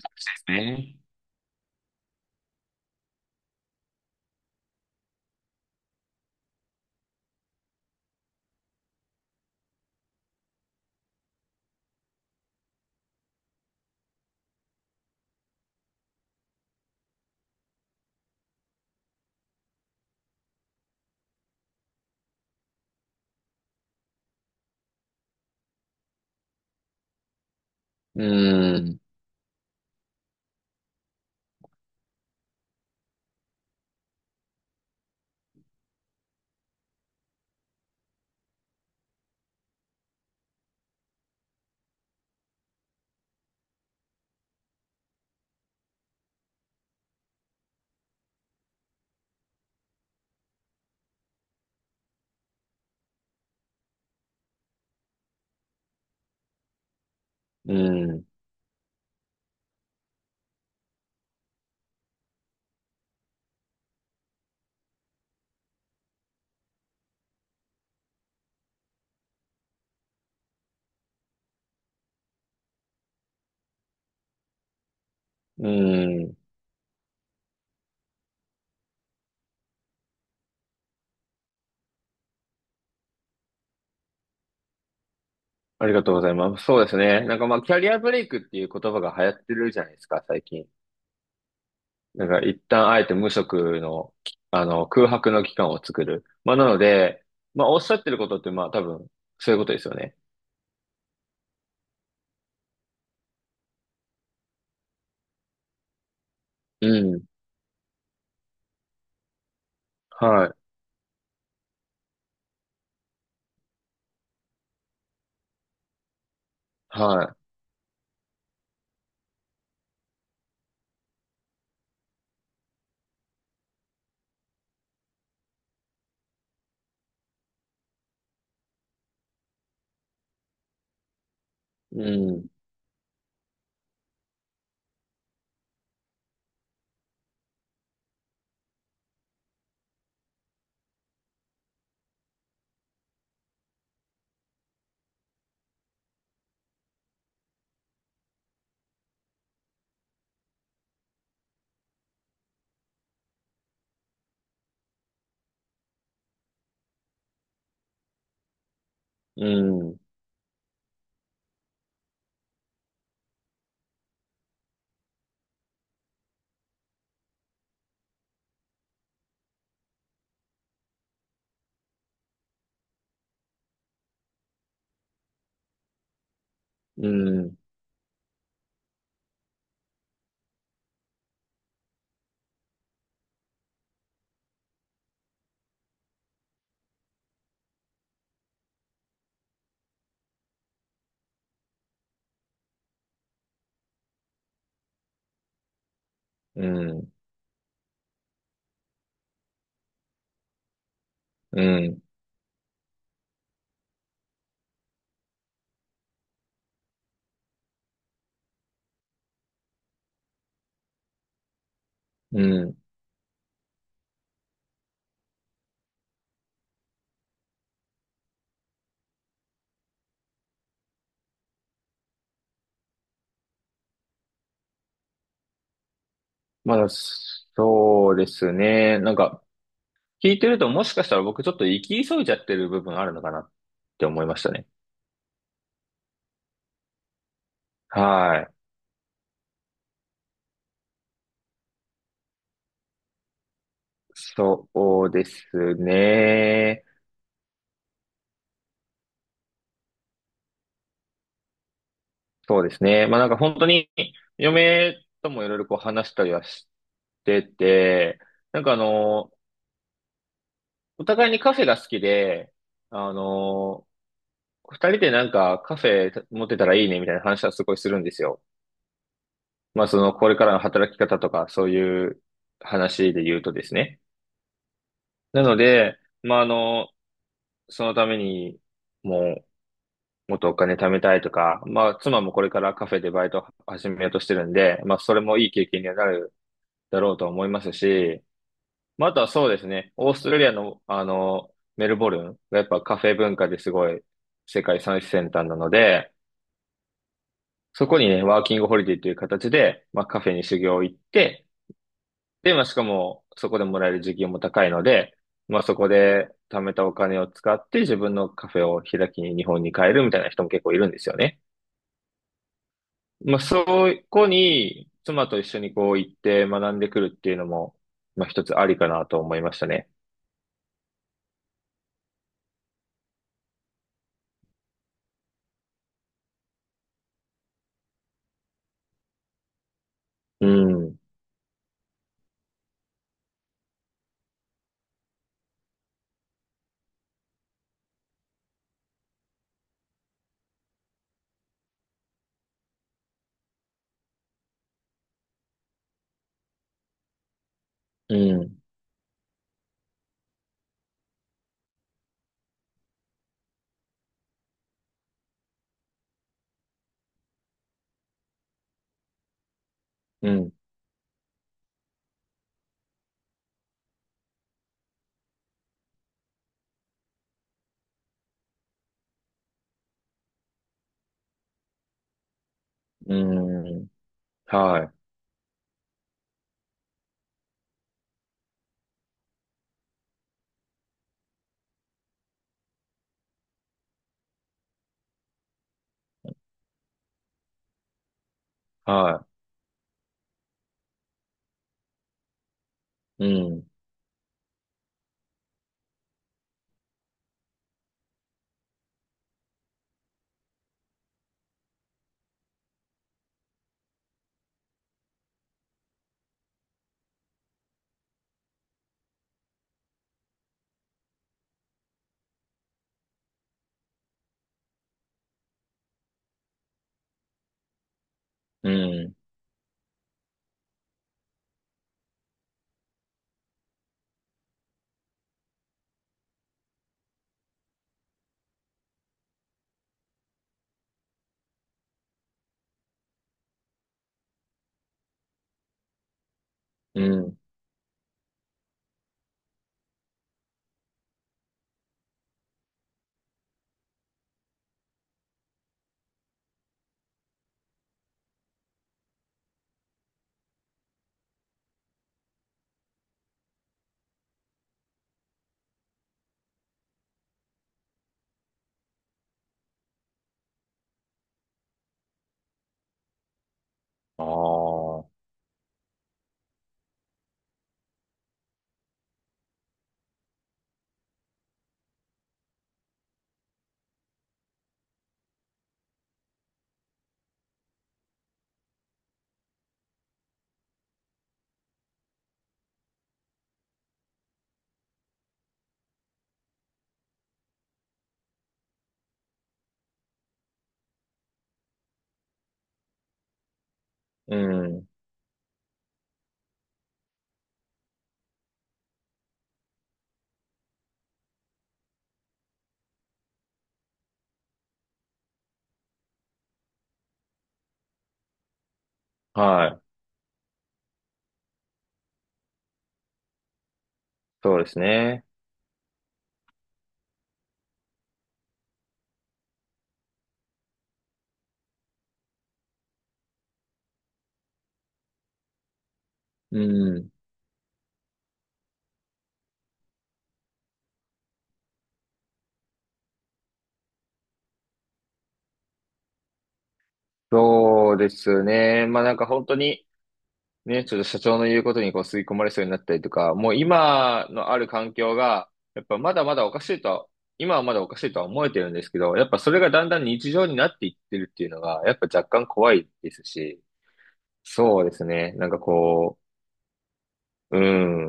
そうですね。うん、うん、うん。ありがとうございます。そうですね。なんかまあ、キャリアブレイクっていう言葉が流行ってるじゃないですか、最近。なんか一旦あえて無職の、きあの、空白の期間を作る。なので、まあ、おっしゃってることってまあ、多分、そういうことですよね。うん。はい。はい。うん。うん。うん。うん。うん。うん。まあ、そうですね。なんか、聞いてるともしかしたら僕ちょっと行き急いじゃってる部分あるのかなって思いましたね。はい。そうですね。そうですね。まあなんか本当に嫁ともいろいろこう話したりはしてて、なんかあの、お互いにカフェが好きで、あの、二人でなんかカフェ持ってたらいいねみたいな話はすごいするんですよ。まあそのこれからの働き方とかそういう話で言うとですね。なので、まああの、そのために、もう、もっとお金貯めたいとか、まあ、妻もこれからカフェでバイトを始めようとしてるんで、まあ、それもいい経験にはなるだろうと思いますし、まあ、あとはそうですね、オーストラリアの、メルボルンがやっぱカフェ文化ですごい世界最先端なので、そこにね、ワーキングホリデーという形で、まあ、カフェに修行行って、で、まあ、しかも、そこでもらえる時給も高いので、まあ、そこで貯めたお金を使って自分のカフェを開きに日本に帰るみたいな人も結構いるんですよね。まあ、そこに、妻と一緒にこう行って学んでくるっていうのも、まあ、一つありかなと思いましたね。うん、うん、うん、うん。はい、はい、うん、うん、うん。ああ、うん、はい、そうですね。うん、そうですね。まあ、なんか本当に、ね、ちょっと社長の言うことにこう吸い込まれそうになったりとか、もう今のある環境が、やっぱまだまだおかしいとは、今はまだおかしいとは思えてるんですけど、やっぱそれがだんだん日常になっていってるっていうのが、やっぱ若干怖いですし、そうですね、なんかこう、う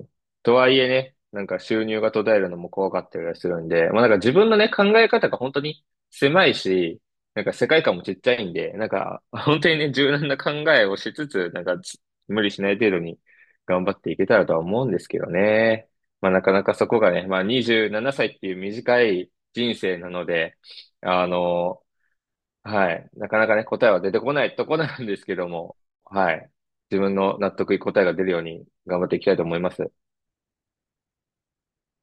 ん。とはいえね、なんか収入が途絶えるのも怖かったりはするんで、まあなんか自分のね、考え方が本当に狭いし、なんか世界観もちっちゃいんで、なんか本当にね、柔軟な考えをしつつ、なんか無理しない程度に頑張っていけたらとは思うんですけどね。まあなかなかそこがね、まあ27歳っていう短い人生なので、あの、はい。なかなかね、答えは出てこないとこなんですけども、はい。自分の納得いく答えが出るように頑張っていきたいと思います。